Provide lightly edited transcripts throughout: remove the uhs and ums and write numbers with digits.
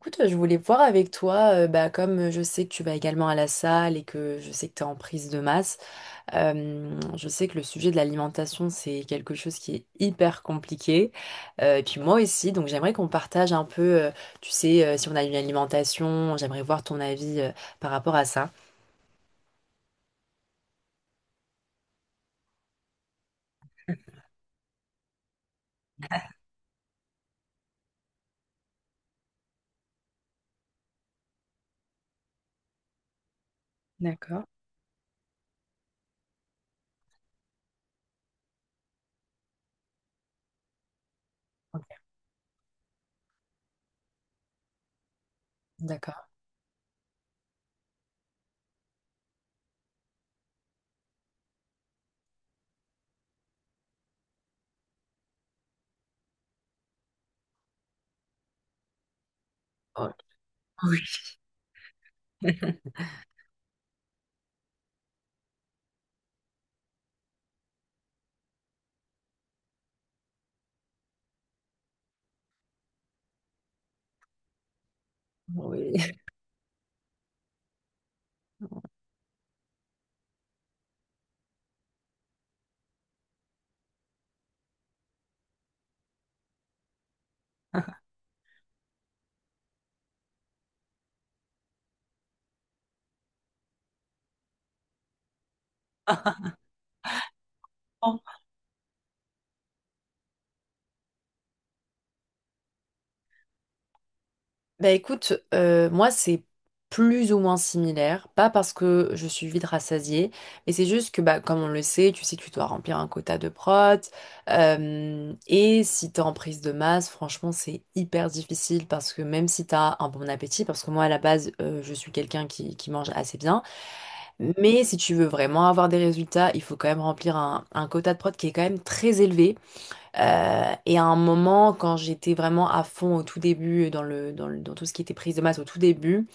Écoute, je voulais voir avec toi, bah, comme je sais que tu vas également à la salle et que je sais que tu es en prise de masse, je sais que le sujet de l'alimentation, c'est quelque chose qui est hyper compliqué. Et puis moi aussi, donc j'aimerais qu'on partage un peu, tu sais, si on a une alimentation, j'aimerais voir ton avis, par rapport à ça. D'accord. Ok. D'accord. Oh. Oui. Oui. Bah écoute, moi c'est plus ou moins similaire, pas parce que je suis vite rassasiée, mais c'est juste que bah, comme on le sait, tu sais que tu dois remplir un quota de prot, et si t'es en prise de masse, franchement c'est hyper difficile parce que même si t'as un bon appétit, parce que moi à la base je suis quelqu'un qui mange assez bien, mais si tu veux vraiment avoir des résultats, il faut quand même remplir un quota de prot qui est quand même très élevé. Et à un moment, quand j'étais vraiment à fond au tout début, dans tout ce qui était prise de masse au tout début,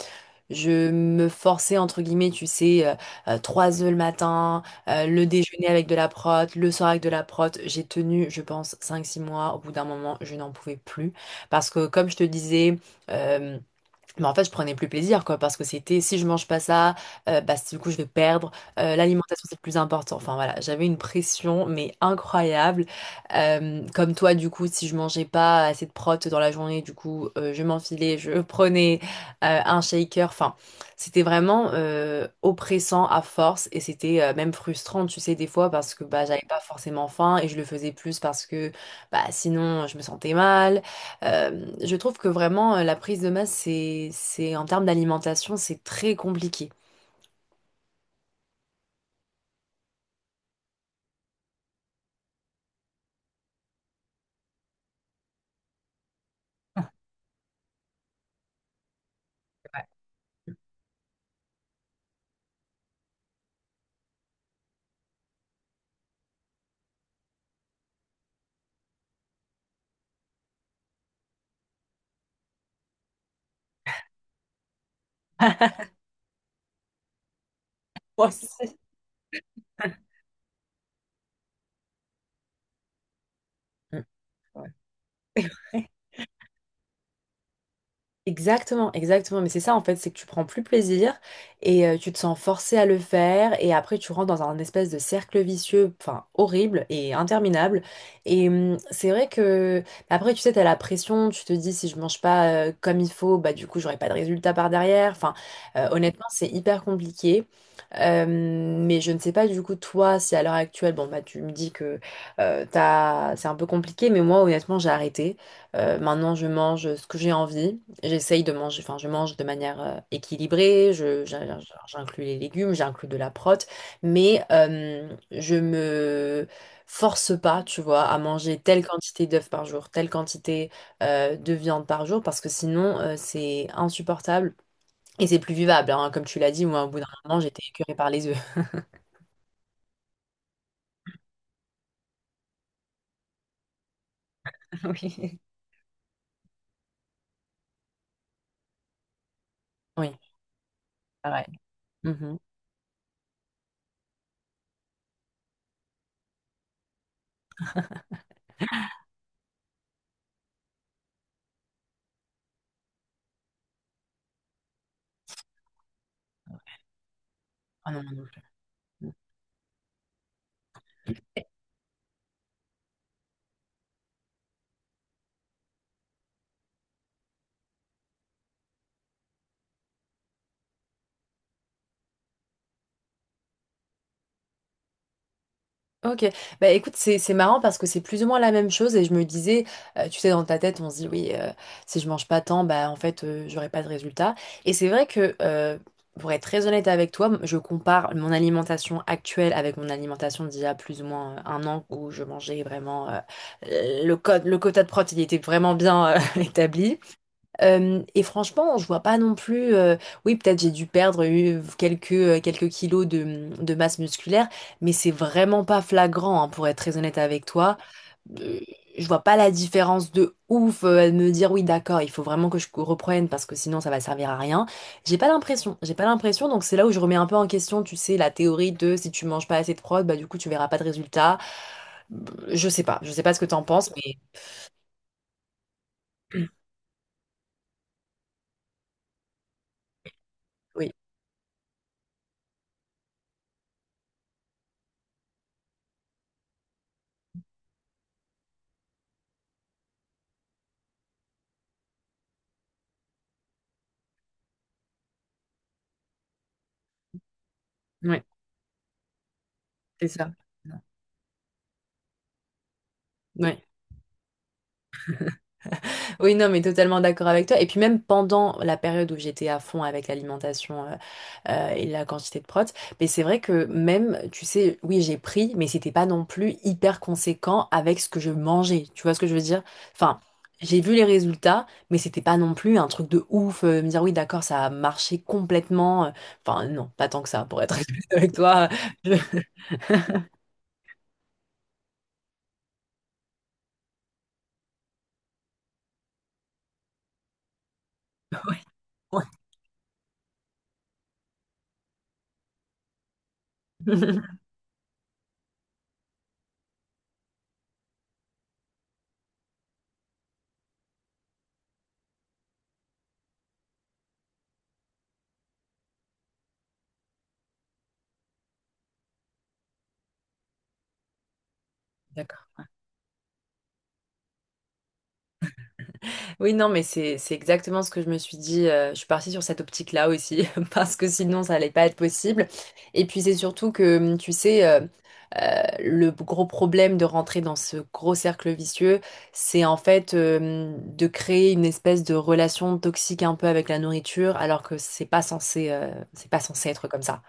je me forçais, entre guillemets, tu sais, trois œufs le matin, le déjeuner avec de la prot, le soir avec de la prot. J'ai tenu, je pense, cinq six mois. Au bout d'un moment, je n'en pouvais plus. Parce que, comme je te disais, euh, mais en fait, je prenais plus plaisir, quoi, parce que c'était si je mange pas ça, bah, du coup, je vais perdre. L'alimentation, c'est le plus important. Enfin, voilà, j'avais une pression, mais incroyable. Comme toi, du coup, si je mangeais pas assez de protes dans la journée, du coup, je m'enfilais, je prenais un shaker. Enfin, c'était vraiment oppressant à force et c'était même frustrant, tu sais, des fois, parce que bah, j'avais pas forcément faim et je le faisais plus parce que bah, sinon, je me sentais mal. Je trouve que vraiment la prise de masse, c'est en termes d'alimentation, c'est très compliqué. Moi, c'est- Mm. Ouais. Exactement, exactement. Mais c'est ça en fait, c'est que tu prends plus plaisir et tu te sens forcé à le faire et après tu rentres dans un espèce de cercle vicieux, enfin horrible et interminable. Et c'est vrai que bah, après tu sais, t'as la pression, tu te dis si je mange pas comme il faut, bah du coup j'aurai pas de résultat par derrière. Enfin honnêtement c'est hyper compliqué. Mais je ne sais pas du coup toi si à l'heure actuelle, bon bah tu me dis que t'as... c'est un peu compliqué, mais moi honnêtement j'ai arrêté. Maintenant je mange ce que j'ai envie. J'essaye de manger, enfin, je mange de manière équilibrée, j'inclus les légumes, j'inclus de la prot, mais je me force pas, tu vois, à manger telle quantité d'œufs par jour, telle quantité de viande par jour, parce que sinon, c'est insupportable et c'est plus vivable, hein. Comme tu l'as dit, moi, au bout d'un moment, j'étais écœurée par les œufs. Oui. Oui, pareil. Mhm. Ah non, moi non plus. Ok, bah écoute, c'est marrant parce que c'est plus ou moins la même chose et je me disais, tu sais, dans ta tête, on se dit oui, si je mange pas tant, bah en fait, j'aurai pas de résultat. Et c'est vrai que, pour être très honnête avec toi, je compare mon alimentation actuelle avec mon alimentation d'il y a plus ou moins un an où je mangeais vraiment le code, le quota de protéines était vraiment bien établi. Et franchement, je vois pas non plus. Oui, peut-être j'ai dû perdre quelques, quelques kilos de, mmh, de masse musculaire, mais c'est vraiment pas flagrant, hein, pour être très honnête avec toi. Euh, je vois pas la différence de ouf, à me dire oui, d'accord, il faut vraiment que je reprenne parce que sinon ça va servir à rien. J'ai pas l'impression, donc c'est là où je remets un peu en question, tu sais, la théorie de si tu manges pas assez de prod, bah du coup tu verras pas de résultat. Mmh. Je sais pas ce que t'en penses, mais oui, ouais, c'est ça. Ouais. Oui, non, mais totalement d'accord avec toi. Et puis même pendant la période où j'étais à fond avec l'alimentation et la quantité de protes, mais c'est vrai que même, tu sais, oui, j'ai pris, mais c'était pas non plus hyper conséquent avec ce que je mangeais. Tu vois ce que je veux dire? Enfin, j'ai vu les résultats, mais c'était pas non plus un truc de ouf, me dire oui, d'accord, ça a marché complètement. Enfin, non, pas tant que ça, pour être honnête avec toi. Je- Ouais. D'accord. Oui, non, mais c'est exactement ce que je me suis dit. Je suis partie sur cette optique-là aussi, parce que sinon, ça allait pas être possible. Et puis, c'est surtout que, tu sais, le gros problème de rentrer dans ce gros cercle vicieux, c'est en fait de créer une espèce de relation toxique un peu avec la nourriture, alors que c'est pas censé être comme ça.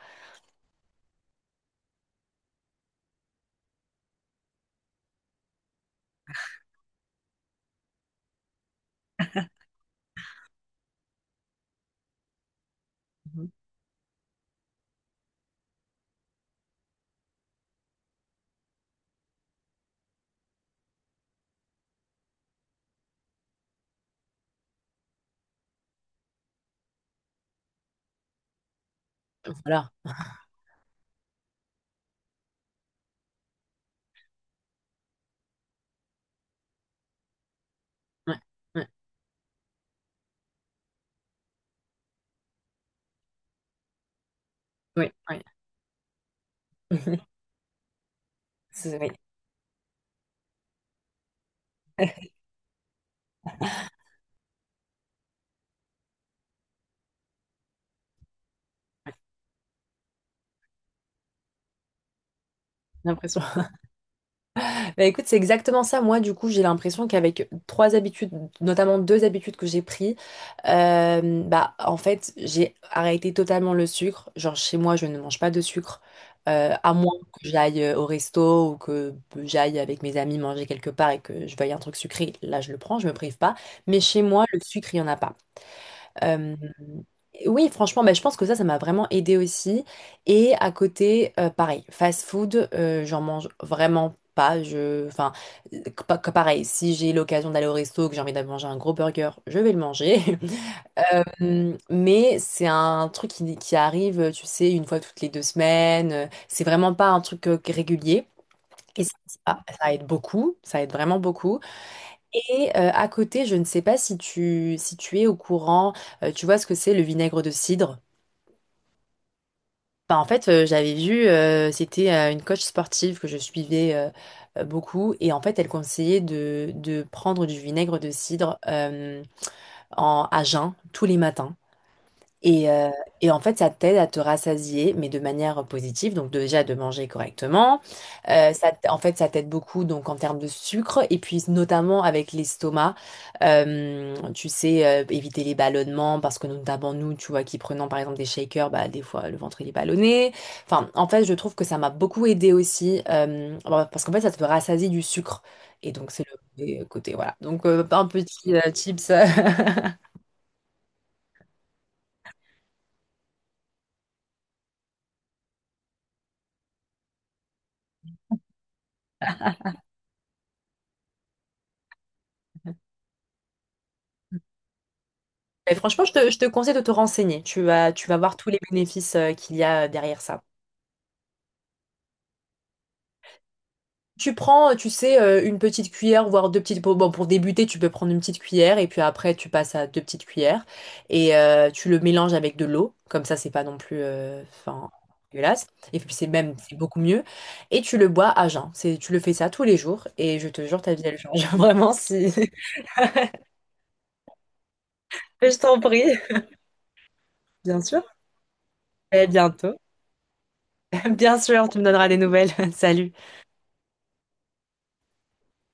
Voilà. Ouais, ouais, ouais, ouais. C'est- oui. J'ai l'impression. Bah écoute, c'est exactement ça. Moi, du coup, j'ai l'impression qu'avec trois habitudes, notamment deux habitudes que j'ai prises, bah en fait, j'ai arrêté totalement le sucre. Genre chez moi, je ne mange pas de sucre, à moins que j'aille au resto ou que j'aille avec mes amis manger quelque part et que je veuille un truc sucré. Là, je le prends, je me prive pas. Mais chez moi, le sucre, il y en a pas. Euh, oui, franchement, bah, je pense que ça m'a vraiment aidé aussi. Et à côté, pareil, fast food, j'en mange vraiment pas. Euh, que pareil, si j'ai l'occasion d'aller au resto, que j'ai envie d'aller manger un gros burger, je vais le manger. Mais c'est un truc qui arrive, tu sais, une fois toutes les deux semaines. C'est vraiment pas un truc régulier. Et ça, ça aide beaucoup, ça aide vraiment beaucoup. Et à côté, je ne sais pas si tu es au courant, tu vois ce que c'est le vinaigre de cidre? Bah, en fait, j'avais vu, c'était une coach sportive que je suivais beaucoup, et en fait, elle conseillait de prendre du vinaigre de cidre à jeun tous les matins. Et, euh, et en fait, ça t'aide à te rassasier, mais de manière positive. Donc déjà de manger correctement. En fait, ça t'aide beaucoup donc en termes de sucre et puis notamment avec l'estomac. Tu sais éviter les ballonnements parce que notamment nous, tu vois, qui prenons par exemple des shakers, bah des fois le ventre il est ballonné. Enfin, en fait, je trouve que ça m'a beaucoup aidé aussi bon, parce qu'en fait, ça te rassasie du sucre et donc c'est le mauvais côté. Voilà. Donc un petit tips. Mais franchement, je te conseille de te renseigner. Tu vas voir tous les bénéfices qu'il y a derrière ça. Tu prends, tu sais, une petite cuillère, voire deux petites... Bon, pour débuter, tu peux prendre une petite cuillère et puis après, tu passes à deux petites cuillères et tu le mélanges avec de l'eau. Comme ça, c'est pas non plus... Enfin, dégueulasse. Et puis, c'est même... C'est beaucoup mieux. Et tu le bois à jeun. C'est, tu le fais ça tous les jours et je te jure, ta vie, elle change. Vraiment, si... Je t'en prie. Et à bientôt. Bien sûr, tu me donneras des nouvelles. Salut.